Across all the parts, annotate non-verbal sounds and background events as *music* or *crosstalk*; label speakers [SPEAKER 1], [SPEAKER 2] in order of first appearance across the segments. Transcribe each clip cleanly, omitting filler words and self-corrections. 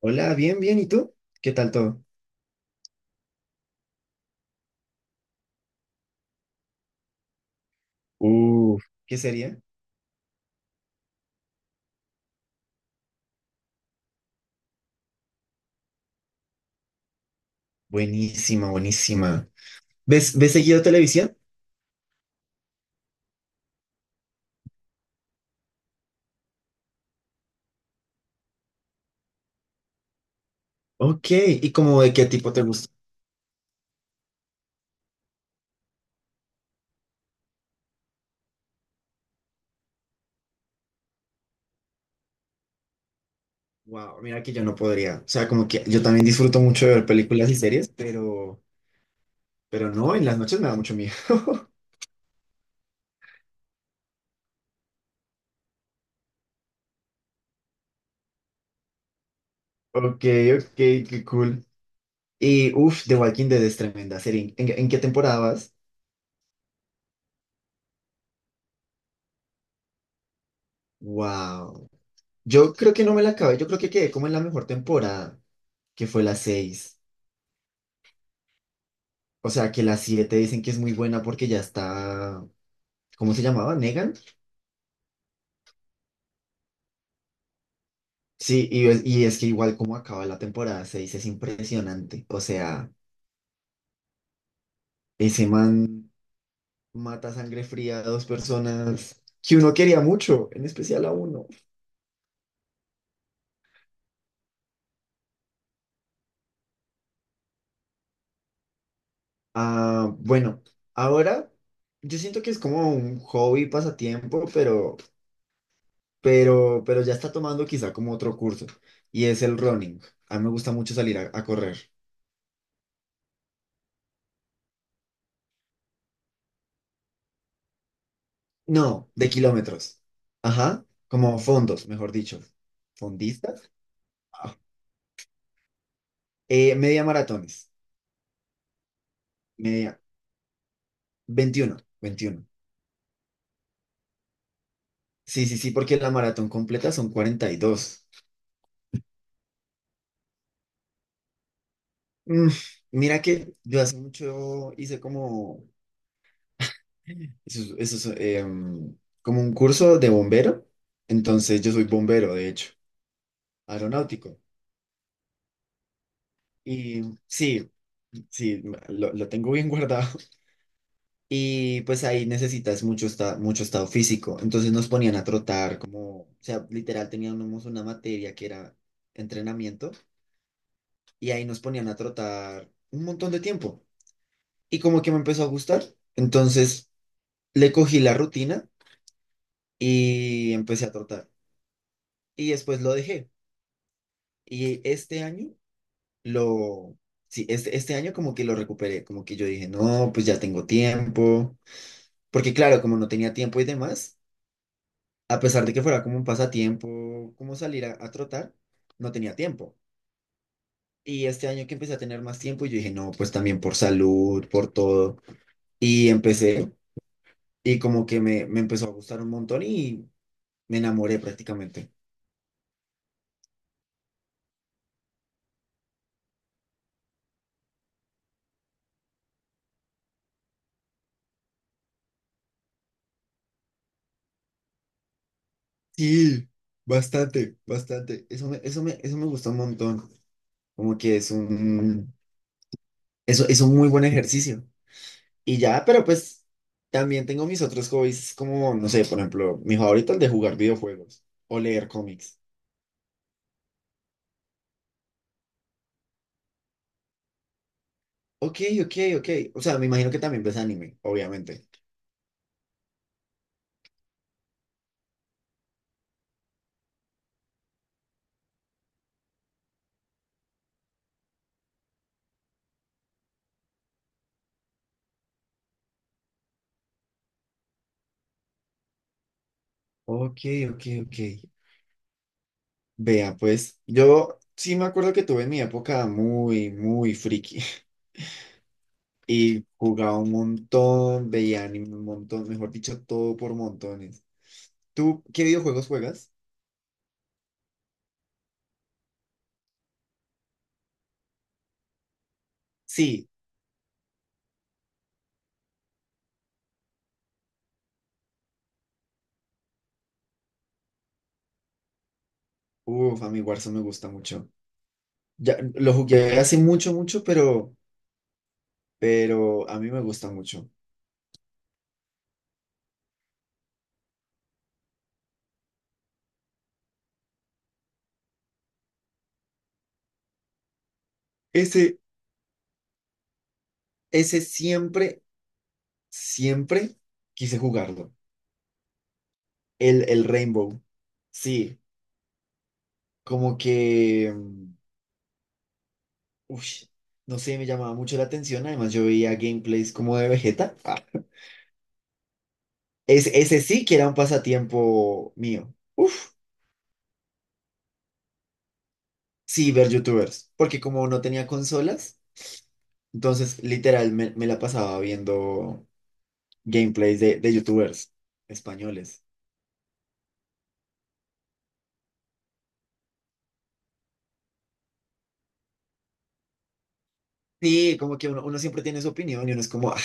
[SPEAKER 1] Hola, bien, bien. ¿Y tú? ¿Qué tal todo? Uf, ¿qué sería? Buenísima, buenísima. ¿Ves seguido televisión? Ok, ¿y como de qué tipo te gusta? Wow, mira que yo no podría. O sea, como que yo también disfruto mucho de ver películas y series, pero no, en las noches me da mucho miedo. *laughs* Ok, ok, qué cool. Y uff, The Walking Dead es tremenda serie. ¿En qué temporada vas? Wow. Yo creo que no me la acabé, yo creo que quedé como en la mejor temporada, que fue la 6. O sea, que la 7 dicen que es muy buena porque ya está, ¿cómo se llamaba? ¿Negan? Sí, y es que igual como acaba la temporada 6 es impresionante. O sea, ese man mata a sangre fría a dos personas que uno quería mucho, en especial a uno. Ah, bueno, ahora yo siento que es como un hobby, pasatiempo, pero ya está tomando quizá como otro curso y es el running. A mí me gusta mucho salir a correr. No, de kilómetros. Ajá, como fondos, mejor dicho. ¿Fondistas? Ah. Media maratones. Media, 21, 21. Sí, sí, sí, porque la maratón completa son 42. Mm, mira que yo hace mucho hice como, eso, eso es, como un curso de bombero. Entonces yo soy bombero, de hecho, aeronáutico. Y sí, sí, lo tengo bien *laughs* guardado. Y pues ahí necesitas mucho, mucho estado físico. Entonces nos ponían a trotar, como, o sea, literal teníamos una materia que era entrenamiento y ahí nos ponían a trotar un montón de tiempo. Y como que me empezó a gustar. Entonces le cogí la rutina y empecé a trotar. Y después lo dejé. Y este año lo, sí, este año como que lo recuperé, como que yo dije, no, pues ya tengo tiempo. Porque claro, como no tenía tiempo y demás, a pesar de que fuera como un pasatiempo, como salir a trotar, no tenía tiempo. Y este año que empecé a tener más tiempo, yo dije, no, pues también por salud, por todo. Y empecé, y como que me empezó a gustar un montón y me enamoré prácticamente. Sí, bastante, bastante. Eso me gustó un montón. Como que es un, eso, es un muy buen ejercicio. Y ya, pero pues también tengo mis otros hobbies, como, no sé, por ejemplo, mi favorito el de jugar videojuegos o leer cómics. Ok, ok, ok. O sea, me imagino que también ves anime, obviamente. Ok, ok, ok. Vea, pues yo sí me acuerdo que tuve mi época muy friki *laughs* y jugaba un montón, veía anime un montón, mejor dicho, todo por montones. ¿Tú qué videojuegos juegas? Sí, uff, a mí Warzone me gusta mucho. Ya lo jugué hace mucho, mucho, pero a mí me gusta mucho. Ese, ese siempre quise jugarlo. El Rainbow. Sí, como que mm, ush, no sé, me llamaba mucho la atención. Además, yo veía gameplays como de Vegeta. Ah, ese sí que era un pasatiempo mío. Uf, sí, ver YouTubers. Porque como no tenía consolas, entonces literal me la pasaba viendo gameplays de YouTubers españoles. Sí, como que uno siempre tiene su opinión y uno es como, "Ah,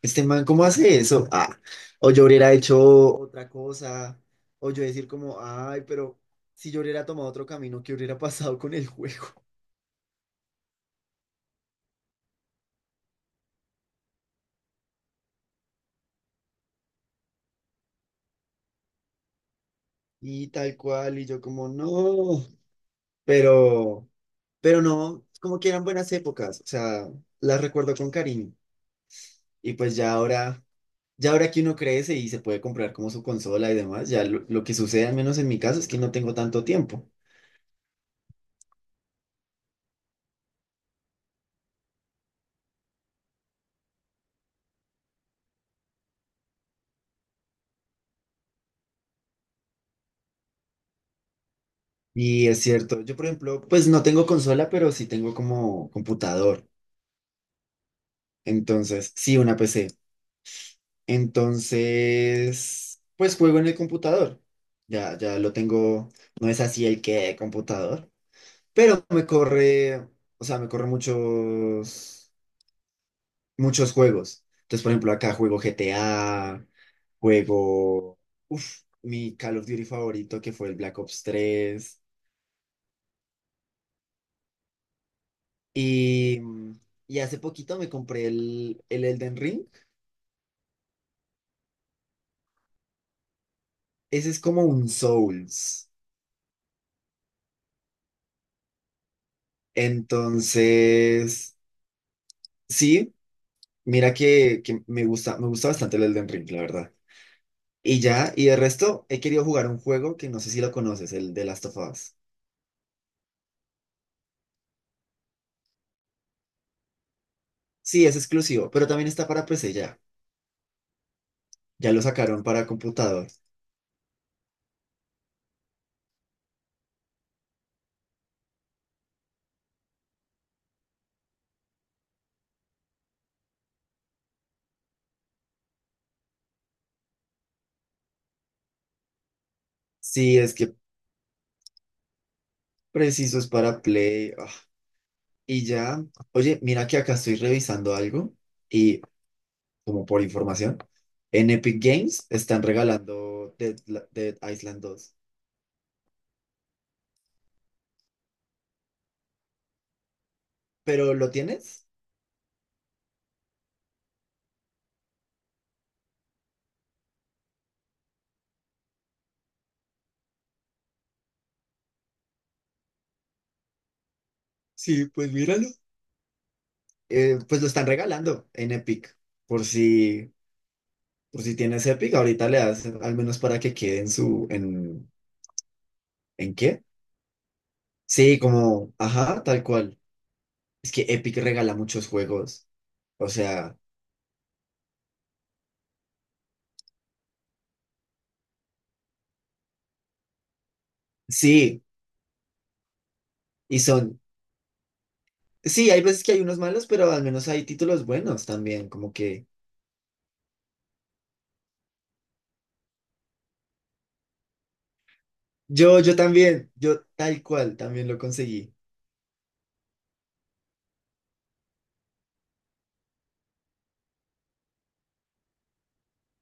[SPEAKER 1] este man, ¿cómo hace eso? Ah, o yo hubiera hecho otra cosa, o yo decir como, ay, pero si yo hubiera tomado otro camino, ¿qué hubiera pasado con el juego?" *laughs* Y tal cual, y yo como, no, pero, pero no, como que eran buenas épocas, o sea, las recuerdo con cariño. Y pues ya ahora que uno crece y se puede comprar como su consola y demás, ya lo que sucede, al menos en mi caso, es que no tengo tanto tiempo. Y es cierto, yo por ejemplo, pues no tengo consola, pero sí tengo como computador. Entonces, sí, una PC. Entonces, pues juego en el computador. Ya lo tengo, no es así el que computador, pero me corre, o sea, me corre muchos juegos. Entonces, por ejemplo, acá juego GTA, juego, uff, mi Call of Duty favorito que fue el Black Ops tres. Y, mm, y hace poquito me compré el Elden Ring. Ese es como un Souls. Entonces, sí, mira que me gusta bastante el Elden Ring, la verdad. Y ya, y de resto, he querido jugar un juego que no sé si lo conoces, el de Last of Us. Sí, es exclusivo, pero también está para PC ya. Ya lo sacaron para computador. Sí, es que preciso es para Play. Ah. Y ya, oye, mira que acá estoy revisando algo. Y como por información, en Epic Games están regalando Dead Island dos. ¿Pero lo tienes? Sí, pues míralo. Pues lo están regalando en Epic. Por si, por si tienes Epic, ahorita le das al menos para que quede en su, ¿en qué? Sí, como, ajá, tal cual. Es que Epic regala muchos juegos. O sea, sí, y son, sí, hay veces que hay unos malos, pero al menos hay títulos buenos también, como que... Yo también, yo tal cual también lo conseguí.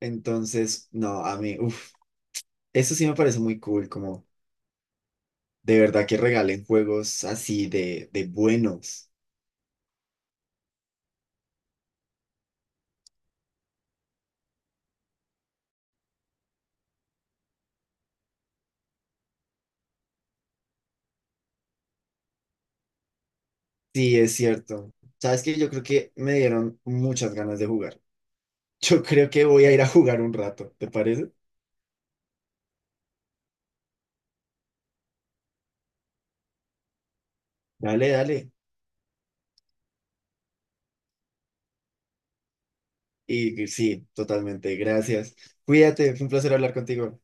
[SPEAKER 1] Entonces, no, a mí, uff, eso sí me parece muy cool, como de verdad que regalen juegos así de buenos. Sí, es cierto. Sabes que yo creo que me dieron muchas ganas de jugar. *laughs* Yo creo que voy a ir a jugar un rato, ¿te parece? Dale, dale. Y sí, totalmente, gracias. Cuídate, fue un placer hablar contigo.